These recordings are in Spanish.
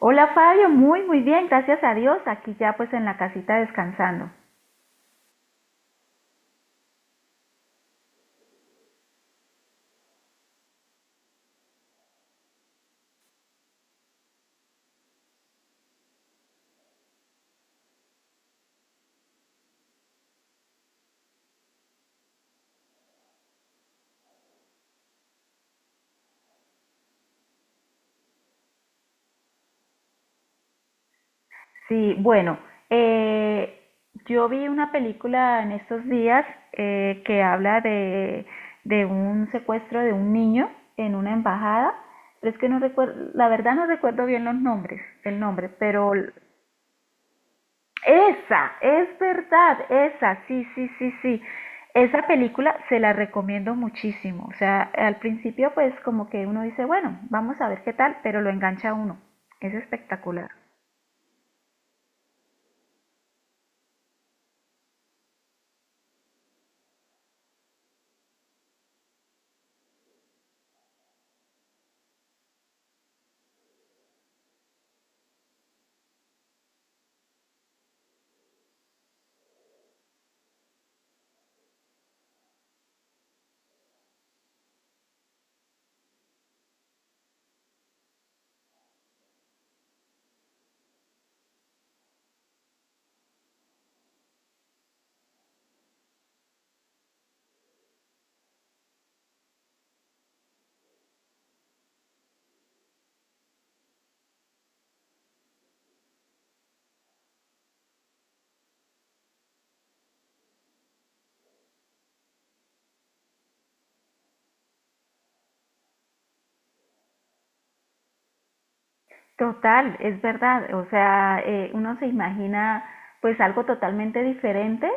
Hola Fabio, muy muy bien, gracias a Dios, aquí ya pues en la casita descansando. Sí, bueno, eh, yo vi una película en estos días que habla de un secuestro de un niño en una embajada, pero es que no recuerdo, la verdad no recuerdo bien los nombres, el nombre, pero esa, es verdad, esa, sí, sí, sí, sí. Esa película se la recomiendo muchísimo. O sea, al principio pues como que uno dice, bueno, vamos a ver qué tal, pero lo engancha a uno. Es espectacular. Total, es verdad. O sea, uno se imagina pues algo totalmente diferente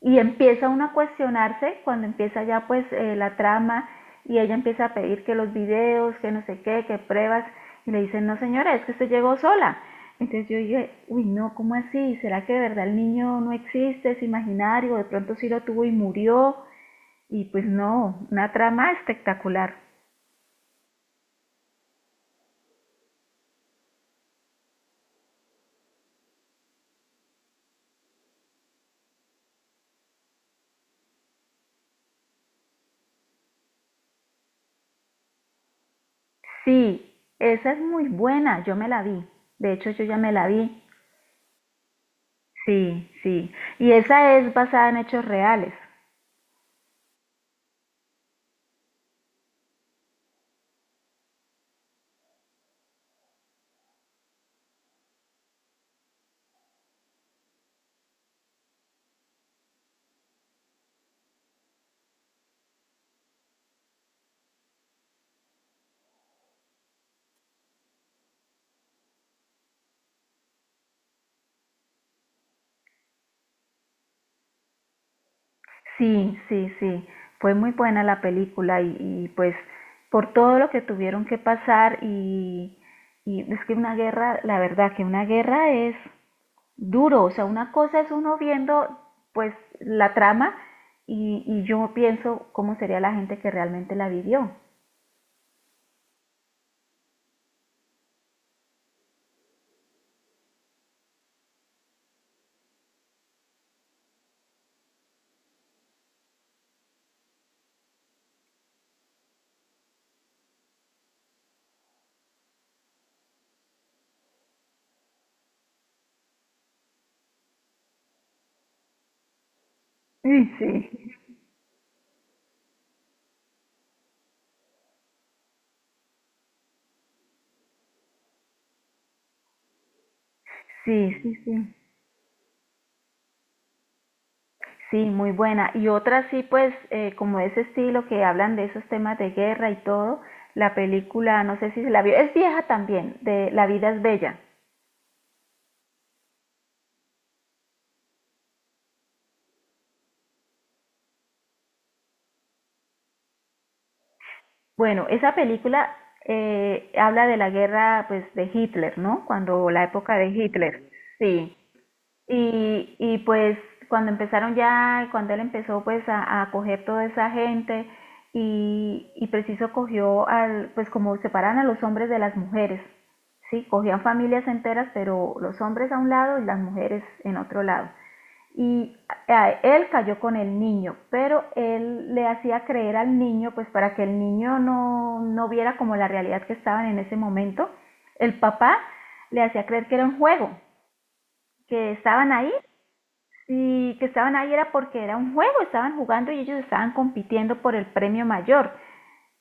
y empieza uno a cuestionarse cuando empieza ya pues la trama y ella empieza a pedir que los videos, que no sé qué, que pruebas y le dicen, no señora, es que usted llegó sola. Entonces yo dije, uy no, ¿cómo así? ¿Será que de verdad el niño no existe, es imaginario, de pronto sí lo tuvo y murió? Y pues no, una trama espectacular. Sí, esa es muy buena, yo me la vi. De hecho, yo ya me la vi. Sí, sí. Y esa es basada en hechos reales. Sí, sí, sí. Fue muy buena la película y pues por todo lo que tuvieron que pasar y es que una guerra, la verdad que una guerra es duro. O sea, una cosa es uno viendo pues la trama y yo pienso cómo sería la gente que realmente la vivió. Sí, sí. Sí, sí, sí. Sí, muy buena. Y otra sí, pues como ese estilo que hablan de esos temas de guerra y todo, la película, no sé si se la vio, es vieja también, de La vida es bella. Bueno, esa película habla de la guerra pues de Hitler, ¿no? Cuando la época de Hitler. Sí. Y pues cuando empezaron ya, cuando él empezó pues a coger toda esa gente y preciso cogió al, pues como separan a los hombres de las mujeres, ¿sí? Cogían familias enteras, pero los hombres a un lado y las mujeres en otro lado. Y él cayó con el niño, pero él le hacía creer al niño, pues para que el niño no viera como la realidad que estaban en ese momento, el papá le hacía creer que era un juego, que estaban ahí y que estaban ahí era porque era un juego, estaban jugando y ellos estaban compitiendo por el premio mayor.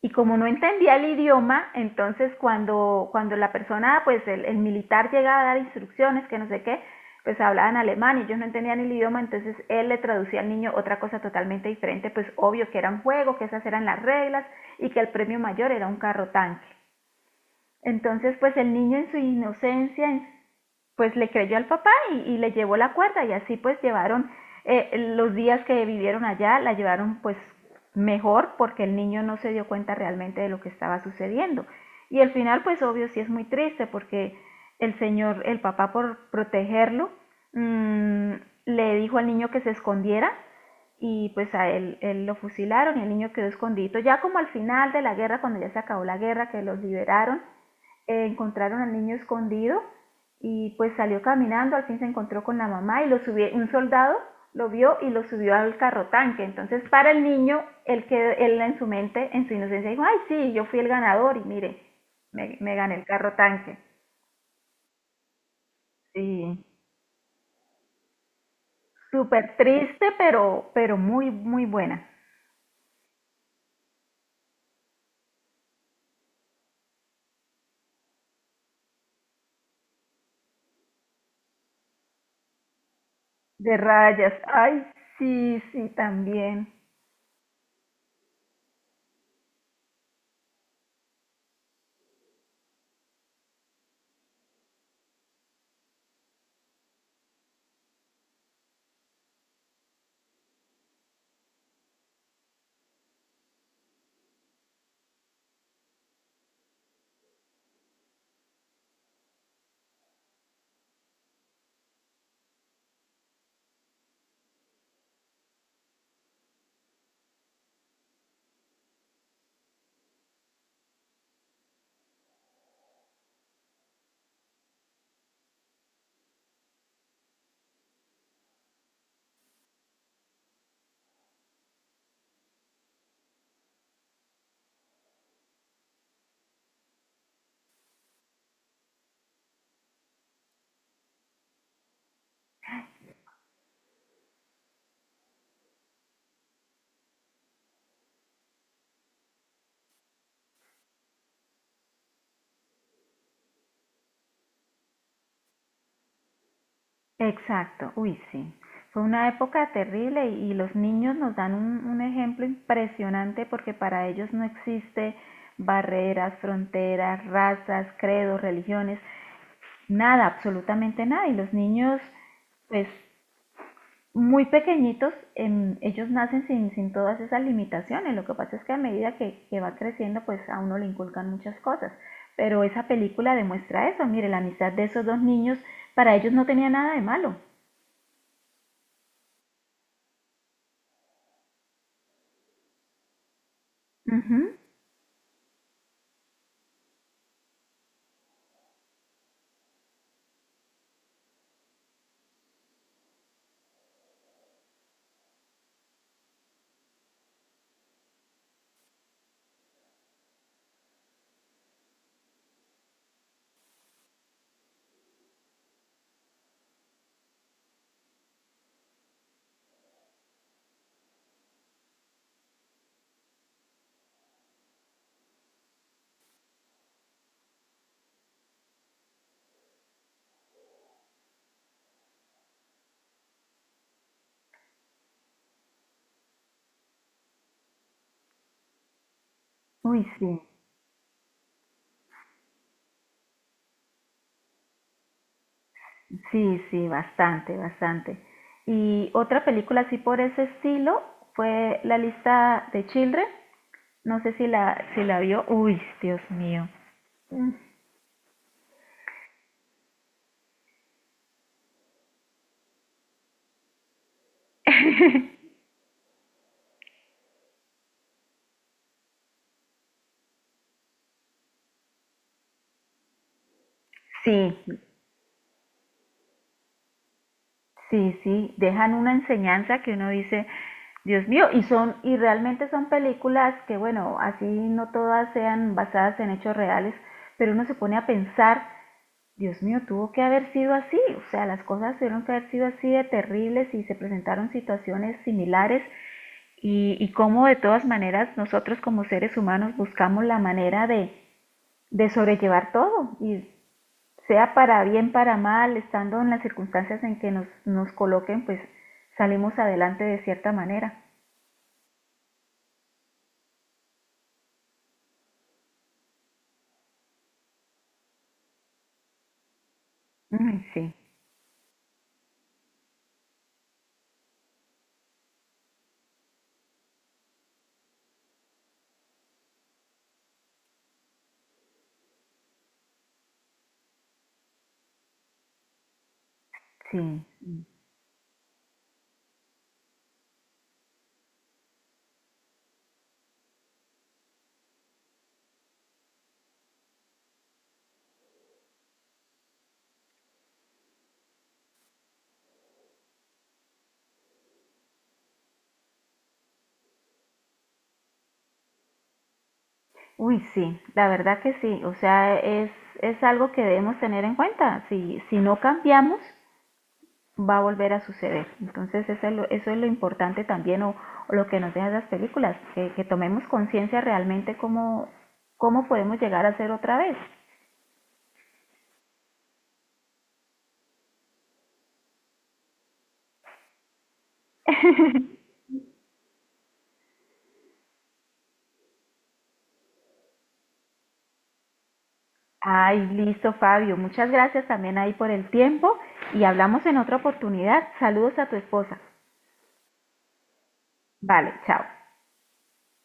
Y como no entendía el idioma, entonces cuando la persona, pues el militar llegaba a dar instrucciones, que no sé qué, pues hablaban alemán y ellos no entendían el idioma, entonces él le traducía al niño otra cosa totalmente diferente, pues obvio que era un juego, que esas eran las reglas y que el premio mayor era un carro tanque. Entonces, pues el niño en su inocencia, en pues le creyó al papá y le llevó la cuerda y así pues llevaron eh, los días que vivieron allá, la llevaron pues mejor porque el niño no se dio cuenta realmente de lo que estaba sucediendo. Y el final pues obvio sí es muy triste porque el señor, el papá por protegerlo, mmm, le dijo al niño que se escondiera y pues a él, él, lo fusilaron y el niño quedó escondido. Ya como al final de la guerra, cuando ya se acabó la guerra, que los liberaron, encontraron al niño escondido y pues salió caminando, al fin se encontró con la mamá y lo subió, un soldado lo vio y lo subió al carro tanque. Entonces, para el niño, él, quedó él en su mente, en su inocencia, dijo, ay, sí, yo fui el ganador y mire, me gané el carro tanque. Sí, súper triste, pero muy, muy buena. De rayas, ay, sí, sí, también. Exacto, uy, sí. Fue una época terrible y los niños nos dan un ejemplo impresionante porque para ellos no existe barreras, fronteras, razas, credos, religiones, nada, absolutamente nada. Y los niños, pues muy pequeñitos, ellos nacen sin todas esas limitaciones. Lo que pasa es que a medida que va creciendo, pues a uno le inculcan muchas cosas. Pero esa película demuestra eso. Mire, la amistad de esos dos niños, para ellos no tenía nada de malo. Ujú. Uy, sí, sí, sí, bastante, bastante. Y otra película así por ese estilo fue La lista de Children. No sé si la, si la vio. Uy, Dios mío. Mm, sí, sí, sí. Dejan una enseñanza que uno dice, Dios mío, y son, y realmente son películas que, bueno, así no todas sean basadas en hechos reales, pero uno se pone a pensar Dios mío, tuvo que haber sido así, o sea, las cosas tuvieron que haber sido así de terribles y se presentaron situaciones similares y cómo de todas maneras nosotros como seres humanos buscamos la manera de sobrellevar todo y sea para bien, para mal, estando en las circunstancias en que nos, nos coloquen, pues salimos adelante de cierta manera. Uy, sí, sí. Uy, sí, la verdad que sí, o sea, es algo que debemos tener en cuenta. Si, si no cambiamos, va a volver a suceder. Entonces eso es lo importante también o lo que nos dejan las películas, que tomemos conciencia realmente cómo, cómo podemos llegar a ser otra vez. Ay, listo Fabio, muchas gracias también ahí por el tiempo y hablamos en otra oportunidad. Saludos a tu esposa. Vale, chao.